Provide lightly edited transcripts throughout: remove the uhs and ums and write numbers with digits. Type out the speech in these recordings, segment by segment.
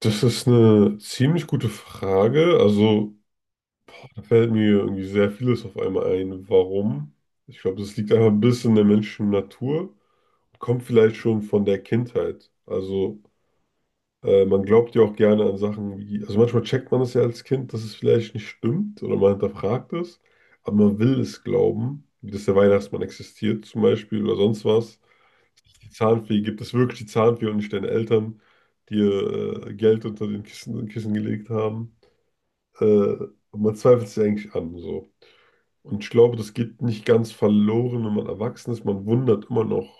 Das ist eine ziemlich gute Frage. Also, da fällt mir irgendwie sehr vieles auf einmal ein. Warum? Ich glaube, das liegt einfach ein bisschen in der menschlichen Natur. Kommt vielleicht schon von der Kindheit. Also, man glaubt ja auch gerne an Sachen wie, also manchmal checkt man es ja als Kind, dass es vielleicht nicht stimmt oder man hinterfragt es, aber man will es glauben, wie dass der Weihnachtsmann existiert zum Beispiel oder sonst was. Die Zahnfee, gibt es wirklich die Zahnfee und nicht deine Eltern, die ihr Geld unter den Kissen gelegt haben? Man zweifelt sich eigentlich an. So. Und ich glaube, das geht nicht ganz verloren, wenn man erwachsen ist. Man wundert immer noch.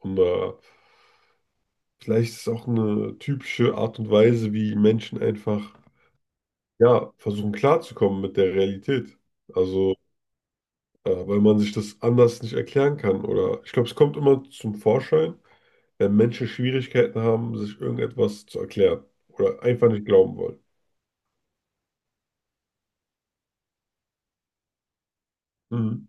Und vielleicht ist es auch eine typische Art und Weise, wie Menschen einfach ja, versuchen klarzukommen mit der Realität. Also, weil man sich das anders nicht erklären kann. Oder ich glaube, es kommt immer zum Vorschein, wenn Menschen Schwierigkeiten haben, sich irgendetwas zu erklären. Oder einfach nicht glauben wollen. Mhm.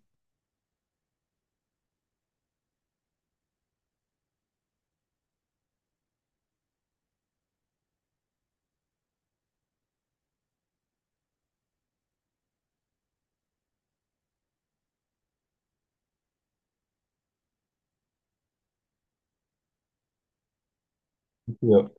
Ja.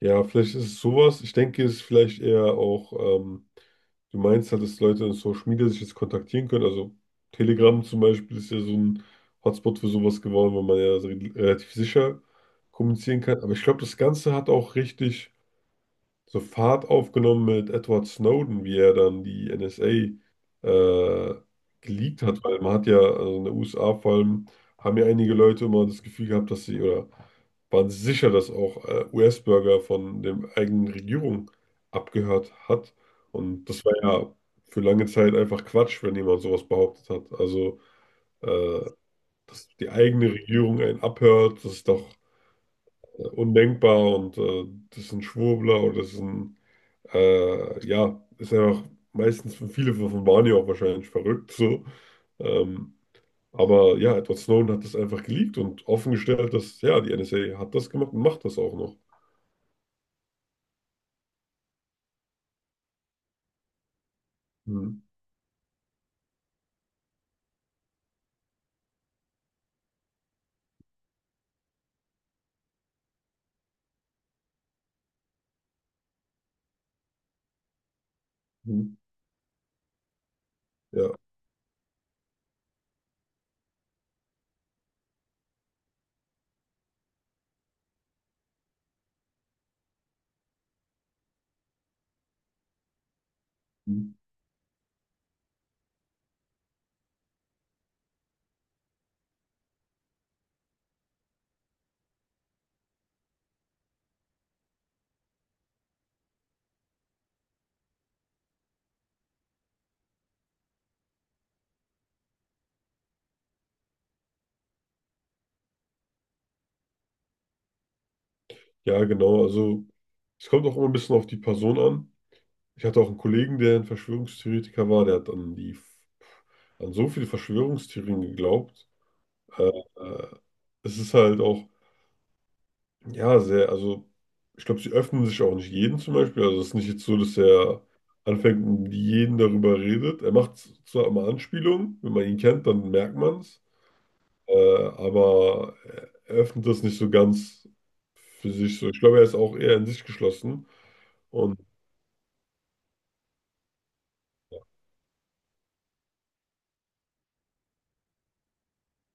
Ja, vielleicht ist es sowas. Ich denke, es ist vielleicht eher auch, ähm, du meinst halt, dass Leute in Social Media sich jetzt kontaktieren können. Also Telegram zum Beispiel ist ja so ein Hotspot für sowas geworden, weil man ja so relativ sicher kommunizieren kann. Aber ich glaube, das Ganze hat auch richtig so Fahrt aufgenommen mit Edward Snowden, wie er dann die NSA äh, geleakt hat, weil man hat ja, also in den USA vor allem, haben ja einige Leute immer das Gefühl gehabt, dass sie oder waren sicher, dass auch US-Bürger von der eigenen Regierung abgehört hat. Und das war ja für lange Zeit einfach Quatsch, wenn jemand sowas behauptet hat. Also, äh, dass die eigene Regierung einen abhört, das ist doch undenkbar und das ist ein Schwurbler oder das ist ein ja, ist einfach meistens für viele von Barney auch wahrscheinlich verrückt so. Ähm, aber ja, Edward Snowden hat das einfach geleakt und offengestellt, dass ja, die NSA hat das gemacht und macht das auch noch. Mhm. Mhm. Ja. Mhm. Ja, genau. Also es kommt auch immer ein bisschen auf die Person an. Ich hatte auch einen Kollegen, der ein Verschwörungstheoretiker war, der hat an die an so viele Verschwörungstheorien geglaubt. Äh, äh, Es ist halt auch ja, sehr. Also, ich glaube, sie öffnen sich auch nicht jeden zum Beispiel. Also, es ist nicht jetzt so, dass er anfängt und jeden darüber redet. Er macht zwar immer Anspielungen, wenn man ihn kennt, dann merkt man es. Aber er öffnet das nicht so ganz für sich so. Ich glaube, er ist auch eher in sich geschlossen. Und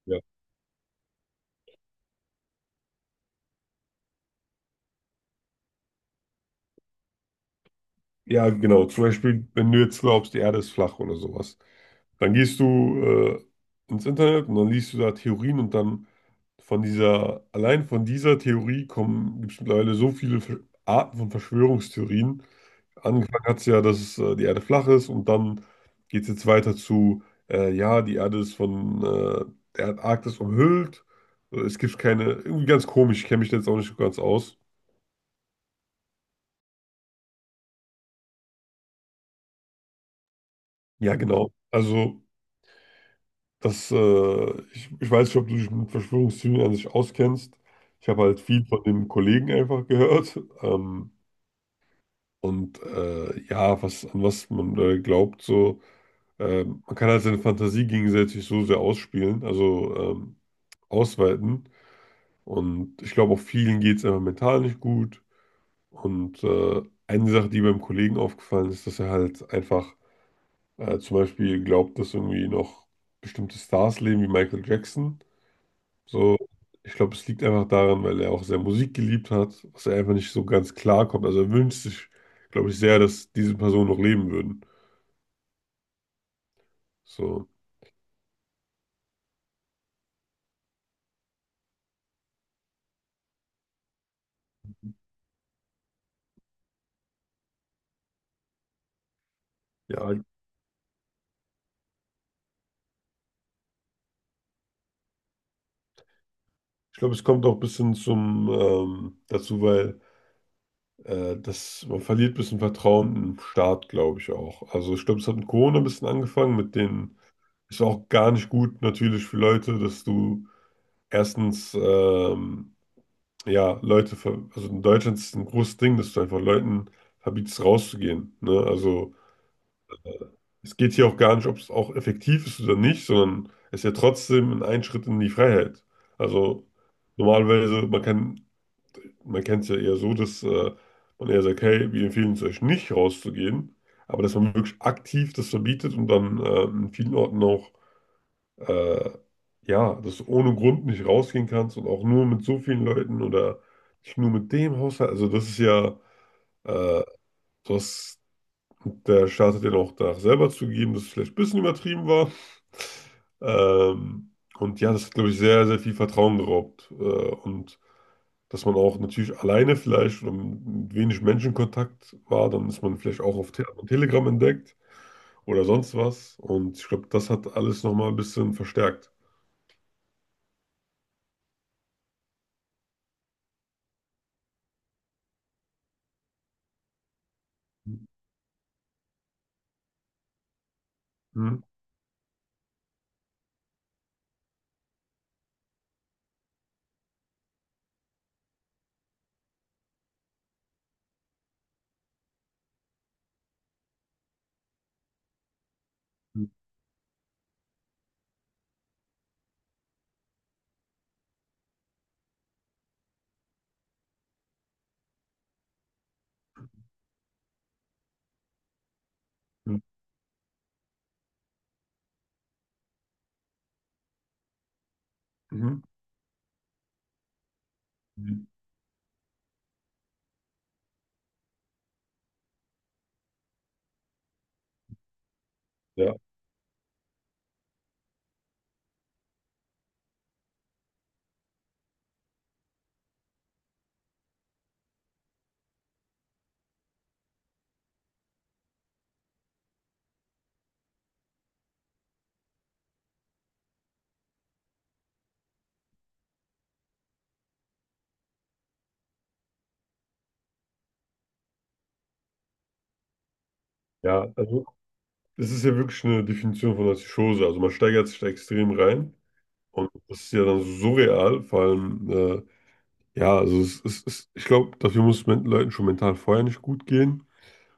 ja. Ja, genau. Zum Beispiel, wenn du jetzt glaubst, die Erde ist flach oder sowas, dann gehst du ins Internet und dann liest du da Theorien und dann von dieser, allein von dieser Theorie kommen, gibt es mittlerweile so viele Arten von Verschwörungstheorien. Angefangen hat es ja, dass die Erde flach ist und dann geht es jetzt weiter zu, ja, die Erde ist von der Antarktis umhüllt. Es gibt keine, irgendwie ganz komisch, ich kenne mich da jetzt auch nicht so ganz aus. Ja, genau. Also. Das, ich, ich weiß nicht, ob du dich mit Verschwörungstheorien an sich auskennst. Ich habe halt viel von dem Kollegen einfach gehört. Ähm, und ja, an was man glaubt, so, man kann halt seine Fantasie gegenseitig so sehr ausspielen, also ausweiten. Und ich glaube, auch vielen geht es einfach mental nicht gut. Und eine Sache, die beim Kollegen aufgefallen ist, dass er halt einfach zum Beispiel glaubt, dass irgendwie noch bestimmte Stars leben, wie Michael Jackson. So, ich glaube, es liegt einfach daran, weil er auch sehr Musik geliebt hat, was er einfach nicht so ganz klar kommt. Also er wünscht sich, glaube ich, sehr, dass diese Personen noch leben würden. So, ja, ich glaube, es kommt auch ein bisschen zum dazu, weil man verliert ein bisschen Vertrauen im Staat, glaube ich auch. Also ich glaube, es hat mit Corona ein bisschen angefangen, mit den, ist auch gar nicht gut natürlich für Leute, dass du erstens ja, also in Deutschland ist es ein großes Ding, dass du einfach Leuten verbietest, rauszugehen. Ne? Also es geht hier auch gar nicht, ob es auch effektiv ist oder nicht, sondern es ist ja trotzdem ein Einschritt in die Freiheit. Also normalerweise, man kennt es ja eher so, dass man eher sagt, hey, wir empfehlen es euch nicht rauszugehen, aber dass man wirklich aktiv das verbietet und dann in vielen Orten auch äh, ja, dass du ohne Grund nicht rausgehen kannst und auch nur mit so vielen Leuten oder nicht nur mit dem Haushalt. Also das ist ja, äh, das, der Staat hat ja auch danach selber zugegeben, dass es vielleicht ein bisschen übertrieben war. Ähm, und ja, das hat, glaube ich, sehr, sehr viel Vertrauen geraubt. Und dass man auch natürlich alleine vielleicht oder mit wenig Menschenkontakt war, dann ist man vielleicht auch auf Te auf Telegram entdeckt oder sonst was. Und ich glaube, das hat alles nochmal ein bisschen verstärkt. Hm. Mhm. Mhm. Mhm. Ja, ja, also es ist ja wirklich eine Definition von Artischose. Also man steigert sich da extrem rein und das ist ja dann so surreal, vor allem, ja, also es ist, ich glaube, dafür muss es Leuten schon mental vorher nicht gut gehen.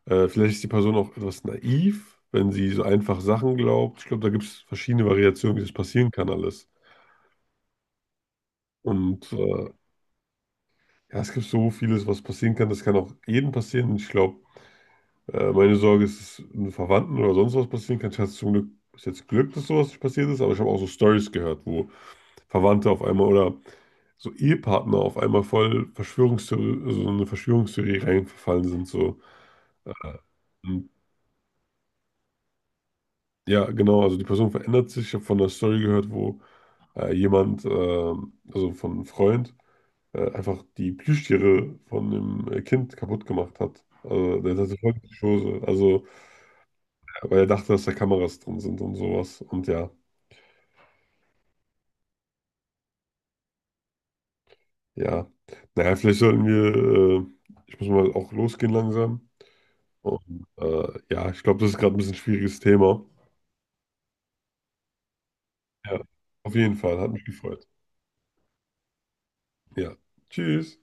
Vielleicht ist die Person auch etwas naiv, wenn sie so einfach Sachen glaubt. Ich glaube, da gibt es verschiedene Variationen, wie das passieren kann alles. Und ja, es gibt so vieles, was passieren kann. Das kann auch jedem passieren. Und ich glaube, äh, meine Sorge ist, dass einem Verwandten oder sonst was passieren kann. Ich hatte zum Glück bis jetzt Glück, dass sowas nicht passiert ist, aber ich habe auch so Stories gehört, wo Verwandte auf einmal oder so Ehepartner auf einmal voll also so eine Verschwörungstheorie reingefallen sind. So. Äh, Und ja, genau, also die Person verändert sich. Ich habe von einer Story gehört, wo also von einem Freund, einfach die Plüschtiere von dem Kind kaputt gemacht hat. Also der hatte voll die Schose, also weil er dachte, dass da Kameras drin sind und sowas. Und ja. Ja, naja, vielleicht sollten wir, ich muss mal auch losgehen langsam. Und ja, ich glaube, das ist gerade ein bisschen ein schwieriges Thema. Ja, auf jeden Fall, hat mich gefreut. Ja, tschüss.